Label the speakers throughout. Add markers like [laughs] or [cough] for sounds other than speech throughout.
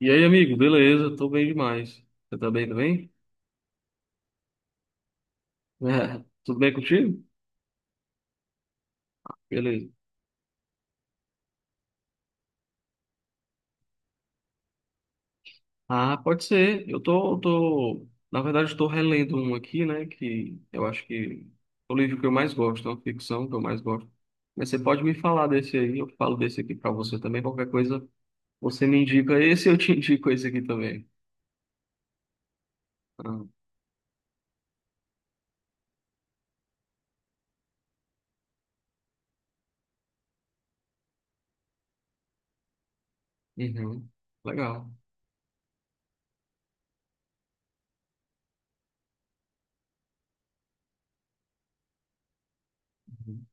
Speaker 1: E aí, amigo, beleza? Tô bem demais. Você tá bem também? [laughs] É, tudo bem contigo? Beleza. Ah, pode ser. Na verdade, estou relendo um aqui, né? Que eu acho que é o livro que eu mais gosto, é uma ficção que eu mais gosto. Mas você pode me falar desse aí, eu falo desse aqui pra você também. Qualquer coisa, você me indica esse, eu te [laughs] indico esse aqui também. Ah, uhum. Legal. Uhum.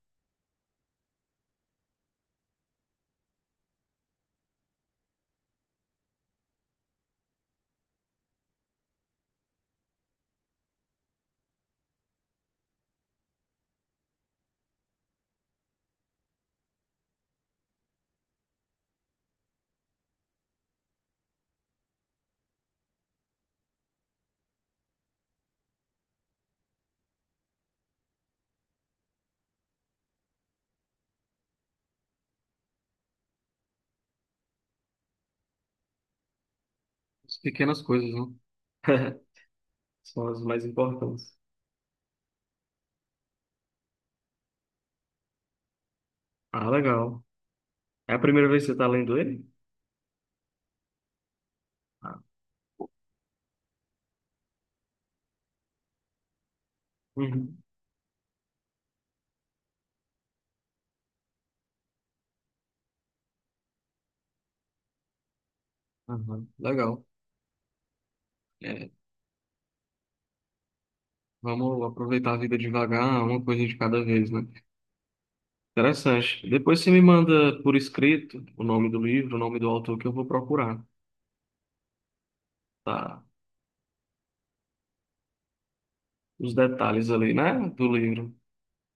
Speaker 1: As pequenas coisas, né? [laughs] São as mais importantes. Ah, legal. É a primeira vez que você está lendo ele? Uhum, uhum, legal. É, vamos aproveitar a vida devagar, uma coisa de cada vez, né? Interessante. Depois você me manda por escrito o nome do livro, o nome do autor que eu vou procurar, tá? Os detalhes ali, né? Do livro.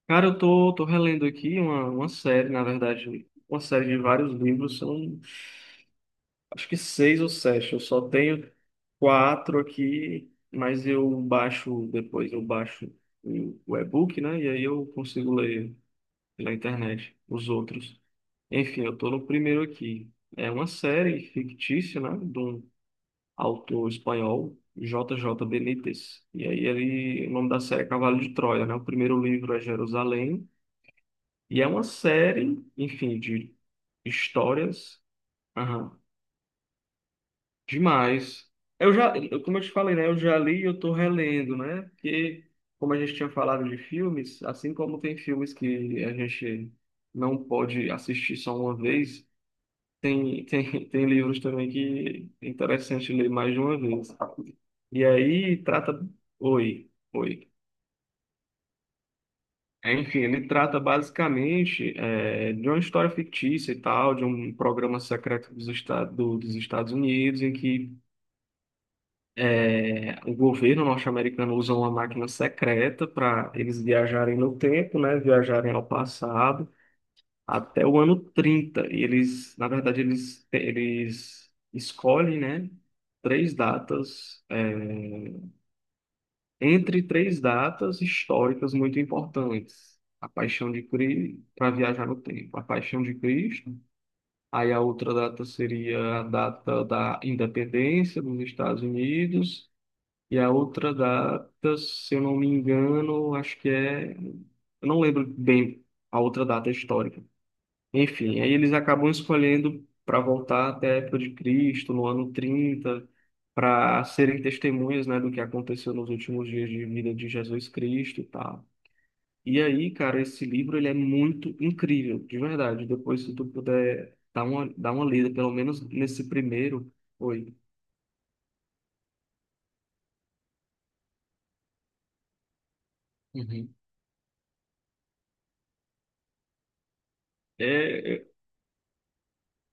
Speaker 1: Cara, eu tô relendo aqui uma série, na verdade, uma série de vários livros, são acho que seis ou sete. Eu só tenho quatro aqui, mas eu baixo o e-book, né? E aí eu consigo ler pela internet, os outros. Enfim, eu tô no primeiro aqui. É uma série fictícia, né, de um autor espanhol, JJ Benítez. E aí ele, o nome da série é Cavalo de Troia, né? O primeiro livro é Jerusalém. E é uma série, enfim, de histórias. Aham, demais. Como eu te falei, né? Eu já li e eu tô relendo, né? Porque, como a gente tinha falado de filmes, assim como tem filmes que a gente não pode assistir só uma vez, [laughs] tem livros também que é interessante ler mais de uma vez. E aí trata. Oi, oi. Enfim, ele trata basicamente de uma história fictícia e tal, de um programa secreto dos Estados Unidos, em que o governo norte-americano usa uma máquina secreta para eles viajarem no tempo, né, viajarem ao passado até o ano 30. E eles, na verdade, eles escolhem, né, três datas, entre três datas históricas muito importantes. A Paixão de Cristo, para viajar no tempo. A Paixão de Cristo. Aí a outra data seria a data da independência dos Estados Unidos. E a outra data, se eu não me engano, acho que é. Eu não lembro bem a outra data histórica. Enfim, aí eles acabam escolhendo para voltar até a época de Cristo, no ano 30 para serem testemunhas, né, do que aconteceu nos últimos dias de vida de Jesus Cristo e tal. E aí, cara, esse livro ele é muito incrível, de verdade. Depois, se tu puder dar uma lida, pelo menos nesse primeiro. Oi. Uhum. É, é-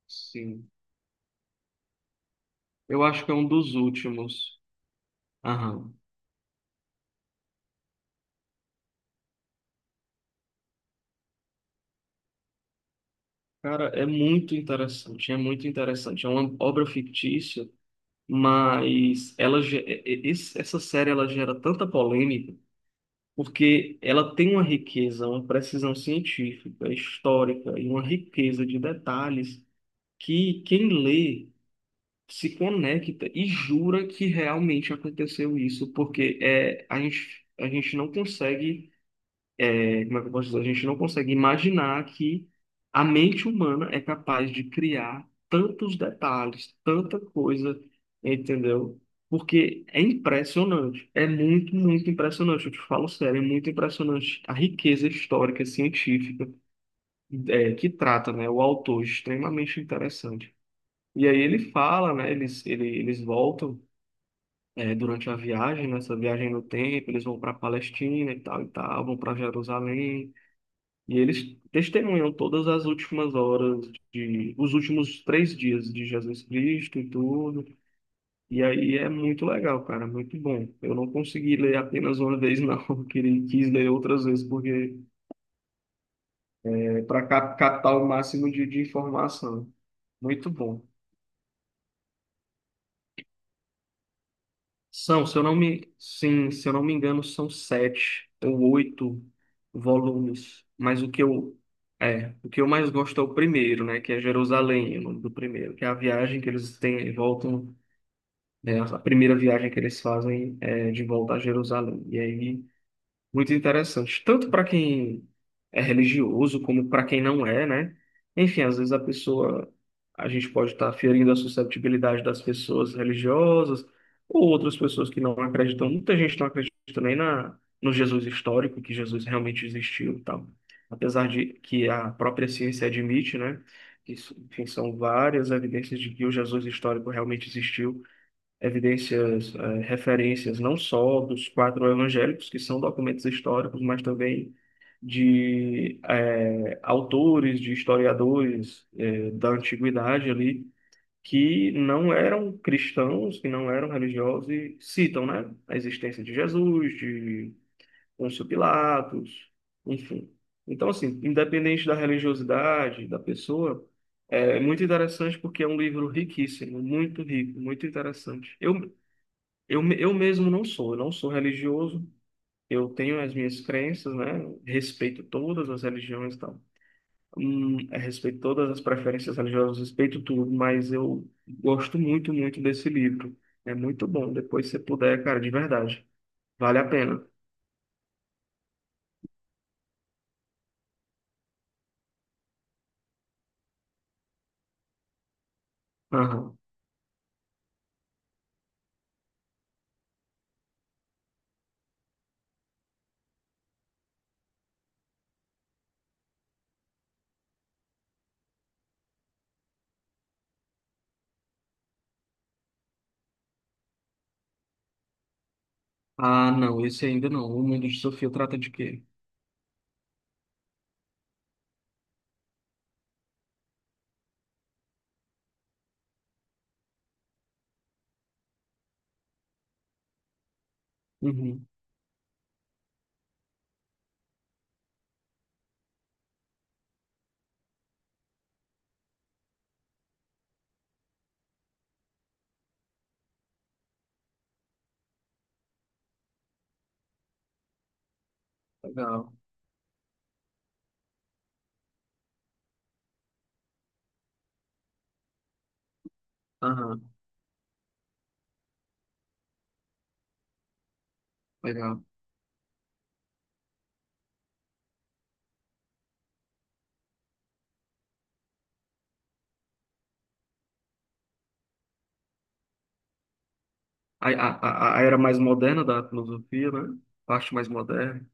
Speaker 1: sim. Eu acho que é um dos últimos. Aham. Cara, é muito interessante, é muito interessante. É uma obra fictícia mas essa série ela gera tanta polêmica porque ela tem uma riqueza, uma precisão científica, histórica e uma riqueza de detalhes que quem lê se conecta e jura que realmente aconteceu isso, a gente não consegue. Como é que eu posso dizer? A gente não consegue imaginar que a mente humana é capaz de criar tantos detalhes, tanta coisa, entendeu? Porque é impressionante, é muito, muito impressionante. Eu te falo sério, é muito impressionante a riqueza histórica, científica, que trata, né, o autor, extremamente interessante. E aí ele fala, né, eles voltam. Durante a viagem, nessa viagem no tempo, eles vão para a Palestina e tal, vão para Jerusalém, e eles testemunham todas as últimas horas os últimos 3 dias de Jesus Cristo e tudo. E aí é muito legal, cara, muito bom. Eu não consegui ler apenas uma vez, não. [laughs] Quis ler outras vezes porque é para captar o máximo de informação. Muito bom. São, se eu não me, sim, se eu não me engano, são sete ou oito volumes. Mas o que eu mais gosto é o primeiro, né? Que é Jerusalém, o nome do primeiro, que é a viagem que eles têm, voltam, né, a primeira viagem que eles fazem é de volta a Jerusalém. E aí muito interessante. Tanto para quem é religioso, como para quem não é, né? Enfim, às vezes a pessoa, a gente pode estar ferindo a susceptibilidade das pessoas religiosas ou outras pessoas que não acreditam. Muita gente não acredita nem no Jesus histórico, que Jesus realmente existiu e tal. Apesar de que a própria ciência admite, né? Isso, enfim, são várias evidências de que o Jesus histórico realmente existiu, evidências, referências não só dos quatro evangélicos, que são documentos históricos, mas também de autores, de historiadores da antiguidade ali, que não eram cristãos, que não eram religiosos e citam, né, a existência de Jesus, de Pôncio Pilatos, enfim. Então, assim, independente da religiosidade da pessoa, é muito interessante porque é um livro riquíssimo, muito rico, muito interessante. Eu mesmo não sou religioso, eu tenho as minhas crenças, né? Respeito todas as religiões e tal. Respeito todas as preferências religiosas, respeito tudo, mas eu gosto muito, muito desse livro. É muito bom, depois se você puder, cara, de verdade. Vale a pena. Aham. Ah, não, esse ainda não. O Mundo de Sofia trata de quê? Uhum. Legal. Aham, legal. A, a, a era mais moderna da filosofia, né? Parte mais moderna.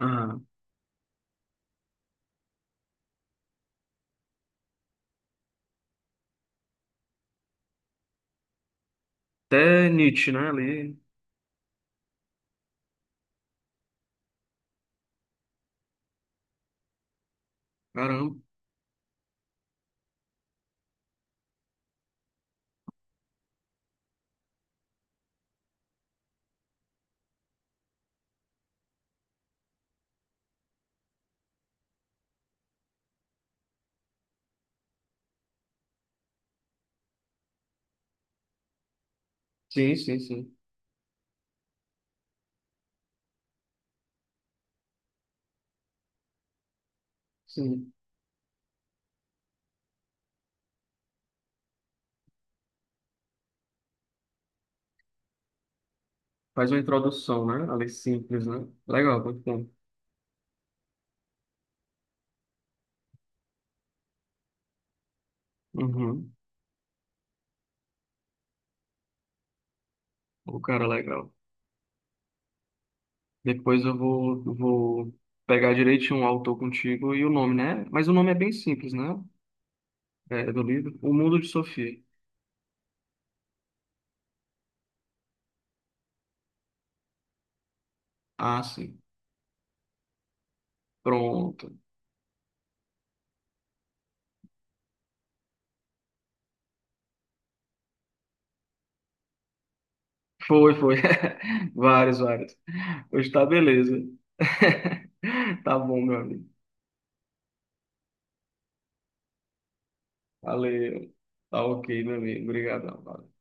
Speaker 1: Aham. Até Nietzsche, né? Ali. Caramba. Sim, sim, sim. Sim. Faz uma introdução, né? Ali simples, né? Legal, muito bom. Uhum. O cara, legal. Depois eu vou pegar direitinho o autor contigo e o nome, né? Mas o nome é bem simples, né? É, do livro. O Mundo de Sofia. Ah, sim. Pronto. Foi, foi. [laughs] Vários, vários. Hoje tá beleza. [laughs] Tá bom, meu amigo. Valeu. Tá ok, meu amigo. Obrigadão. Valeu.